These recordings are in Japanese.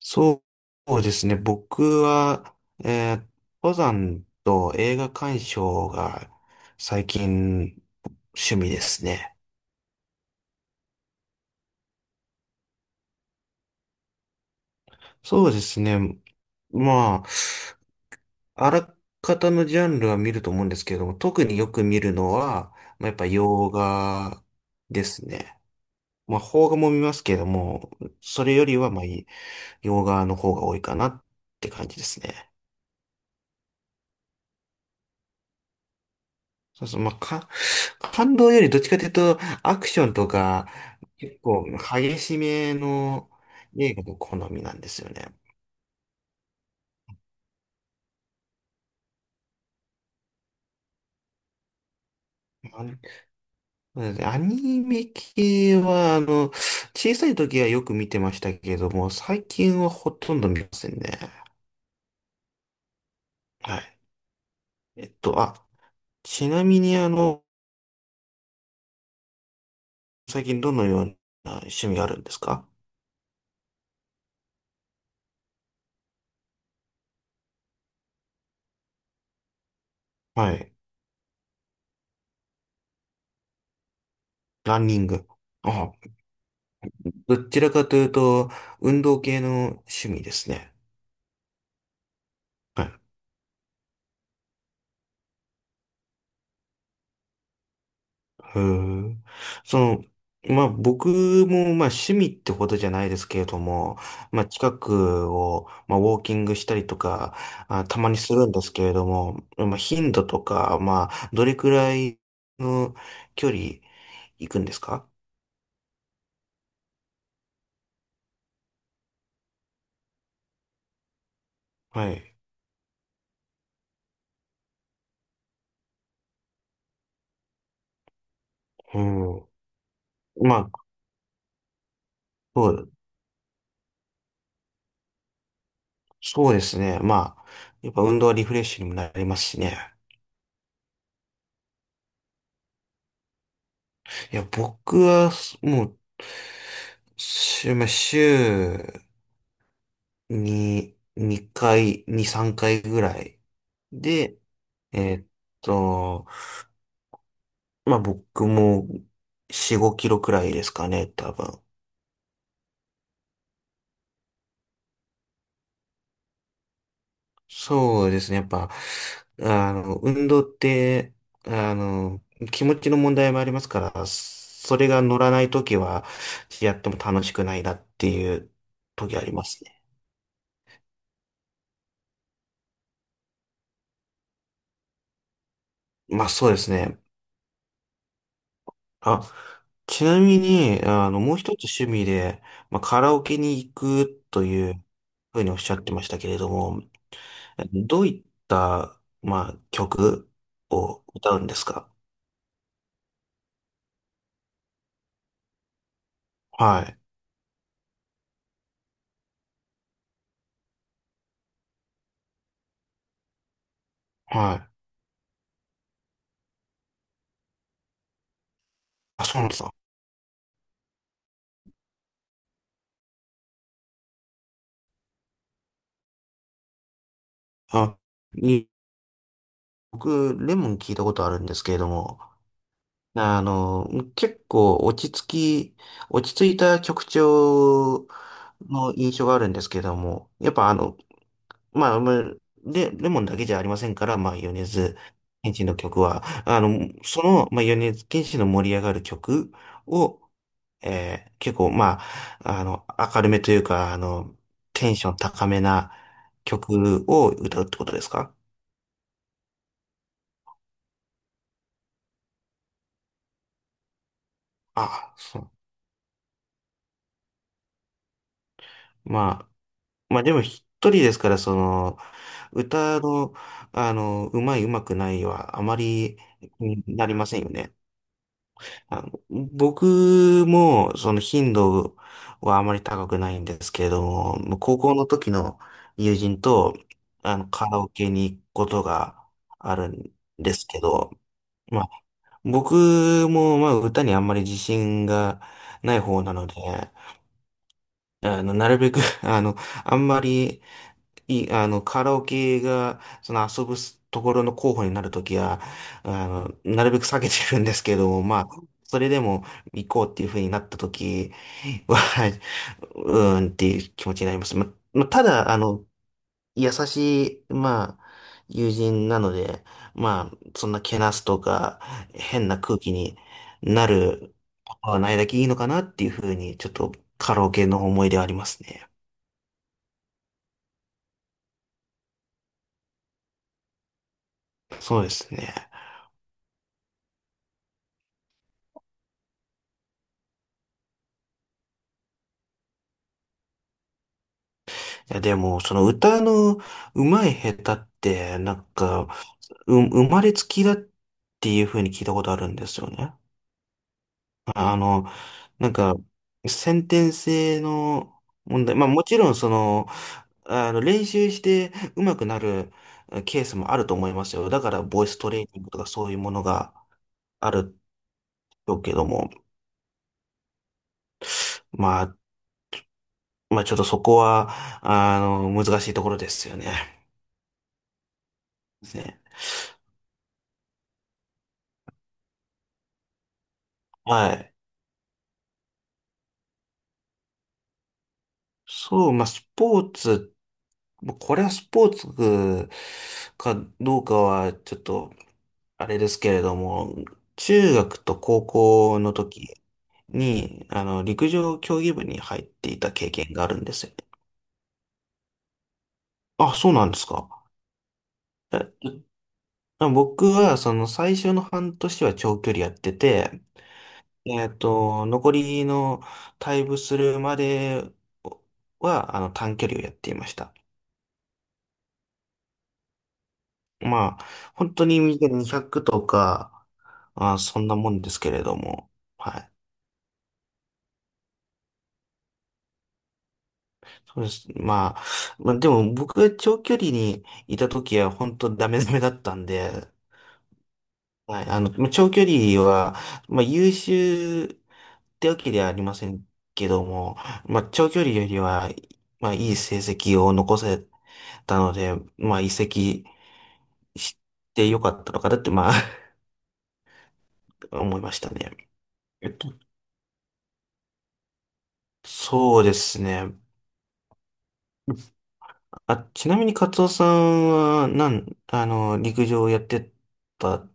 そうですね。僕は、えー登山と映画鑑賞が最近趣味ですね。そうですね。まあ、あらかたのジャンルは見ると思うんですけれども、特によく見るのは、まあ、やっぱ洋画ですね。まあ、邦画も見ますけれども、それよりは、まあ、洋画の方が多いかなって感じですね。そうそう、まあ、感動よりどっちかというと、アクションとか、結構激しめの映画の好みなんですよね。あのそうですねアニメ系は、あの、小さい時はよく見てましたけれども、最近はほとんど見ませんね。はい。えっと、あ、ちなみに、あの、最近どのような趣味があるんですか？はい。ランニング。あ、どちらかというと、運動系の趣味ですね。はい、へえ。その、まあ僕もまあ趣味ってほどじゃないですけれども、まあ近くをまあウォーキングしたりとか、あ、たまにするんですけれども、まあ頻度とか、まあどれくらいの距離行くんですか？はい。うん。まあ、そう、そうですね。まあ、やっぱ運動はリフレッシュにもなりますしね。いや、僕はもう、まあ週に、2、3回ぐらい。で、えーっと、まあ僕も4、5キロくらいですかね、多分。そうですね、やっぱ、あの、運動って、あの、気持ちの問題もありますから、それが乗らないときは、やっても楽しくないなっていう時ありますね。まあそうですね。あ、ちなみに、あの、もう一つ趣味で、まあ、カラオケに行くというふうにおっしゃってましたけれども、どういった、まあ、曲を歌うんですか？はい、はい。あ、そうなんですか。あ、に、僕、レモン聞いたことあるんですけれども、あの、結構落ち着き、落ち着いた曲調の印象があるんですけれども、やっぱあの、まあ、で、レモンだけじゃありませんから、まあ、米津玄師の曲は、あの、その、まあ、米津玄師の盛り上がる曲を、結構、まあ、あの、明るめというか、あの、テンション高めな曲を歌うってことですか？あそう。まあ、まあでも一人ですから、その、歌の、あの、うまくないは、あまり、になりませんよね。あの、僕も、その頻度はあまり高くないんですけれども、もう高校の時の友人と、あの、カラオケに行くことがあるんですけど、まあ、僕も、まあ、歌にあんまり自信がない方なので、あの、なるべく あの、あんまりい、あの、カラオケが、その遊ぶところの候補になるときは、あの、なるべく避けてるんですけども、まあ、それでも行こうっていうふうになったときは、うーんっていう気持ちになります。まあ、ただ、あの、優しい、まあ、友人なので、まあ、そんなけなすとか、変な空気になることはないだけいいのかなっていうふうに、ちょっとカラオケの思い出はありますね。そうですね。いや、でも、その歌の上手い下手って、なんか、生まれつきだっていう風に聞いたことあるんですよね。あの、なんか、先天性の問題。まあもちろん、その、あの、練習して上手くなるケースもあると思いますよ。だから、ボイストレーニングとかそういうものがあるけども、まあ、まあ、ちょっとそこは、あの、難しいところですよね。ですね。はい。そう、まあ、スポーツまあこれはスポーツかどうかはちょっとあれですけれども、中学と高校の時に、あの、陸上競技部に入っていた経験があるんですよね。あ、そうなんですか。え僕は、その最初の半年は長距離やってて、えっと、残りの退部するまでは、あの、短距離をやっていました。まあ、本当に短い200とか、まあ、そんなもんですけれども。はい。そうです。まあ、でも僕が長距離にいた時は本当ダメダメだったんで、はい。あの、まあ長距離は、まあ、優秀ってわけではありませんけども、まあ、長距離よりは、まあ、いい成績を残せたので、まあ、移籍してよかったのかなって、まあ、思いましたね。えっと、そうですね。あ、ちなみにカツオさんは、あの、陸上をやってたっ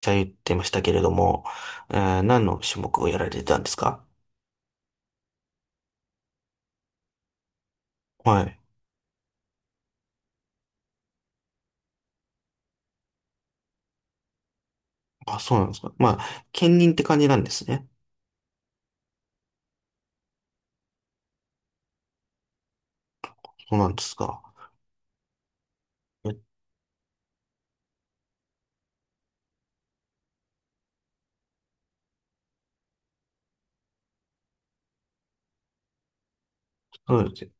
て言ってましたけれども、何の種目をやられてたんですか？はい。あ、そうなんですか。まあ、兼任って感じなんですね。そうなんですか。えそうですね。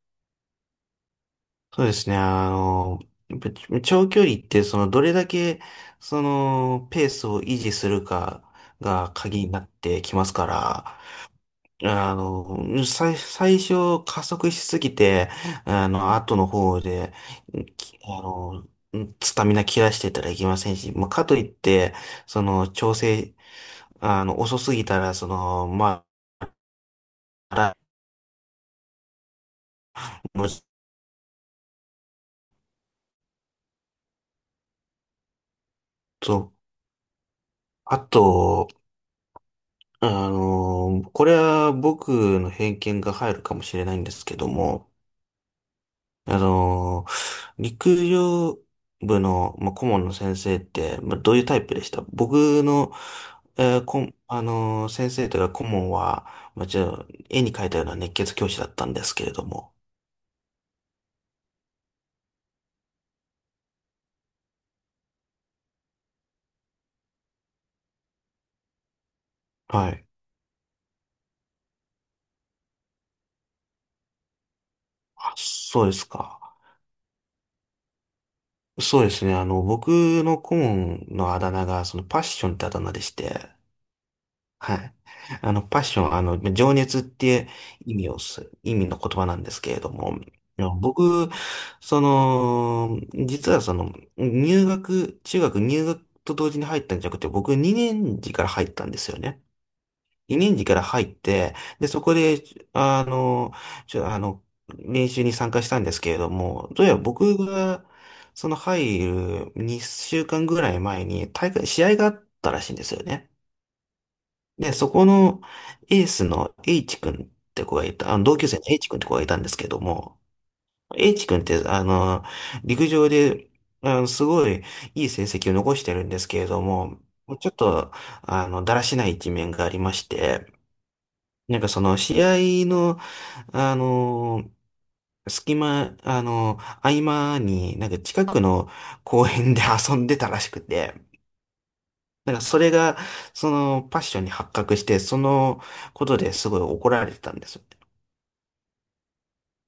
そうですね。あの、やっぱり長距離って、その、どれだけ、その、ペースを維持するかが鍵になってきますから、あの、最初加速しすぎて、あの、後の方で、きあの、スタミナ切らしてたらいけませんし、まあ、かといって、その、調整、あの、遅すぎたら、その、まあ、もうちょっと、あと、あの、これは僕の偏見が入るかもしれないんですけども、あのー陸上部の、まあ、顧問の先生って、まあ、どういうタイプでした？僕の、えーこん、あのー先生というか顧問は、まあ、絵に描いたような熱血教師だったんですけれども。はい。あ、そうですか。そうですね。あの、僕の顧問のあだ名が、そのパッションってあだ名でして、はい。あの、パッション、あの、情熱って意味をす、意味の言葉なんですけれども、あの僕、その、実はその、入学、中学入学と同時に入ったんじゃなくて、僕2年次から入ったんですよね。2年次から入って、で、そこで、あの、ちょ、あの、練習に参加したんですけれども、どうやら僕が、その入る2週間ぐらい前に試合があったらしいんですよね。で、そこのエースの H 君って子がいた、あの同級生の H 君って子がいたんですけども、H 君って、あの、陸上で、あの、すごいいい成績を残してるんですけれども、ちょっと、あの、だらしない一面がありまして、なんかその試合の、あの、隙間、あの、合間に、なんか近くの公園で遊んでたらしくて、なんかそれが、そのパッションに発覚して、そのことですごい怒られてたんですよ。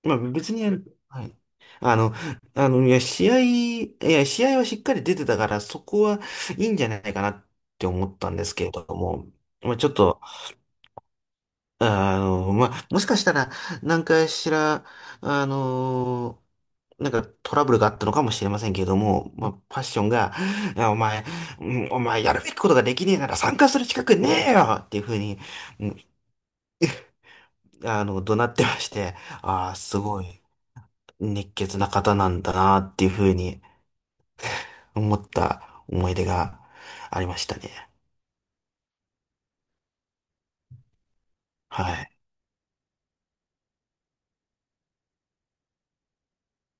まあ別に、はい。あの、いや、試合はしっかり出てたから、そこはいいんじゃないかなって思ったんですけれども、まあちょっと、あの、まあ、もしかしたら、何かしら、あの、なんかトラブルがあったのかもしれませんけれども、まあ、パッションが、いやお前、うんお前やるべきことができねえなら参加する資格ねえよっていうふうに、うんあの、怒鳴ってまして、ああ、すごい熱血な方なんだなっていうふうに思った思い出がありましたね。はい。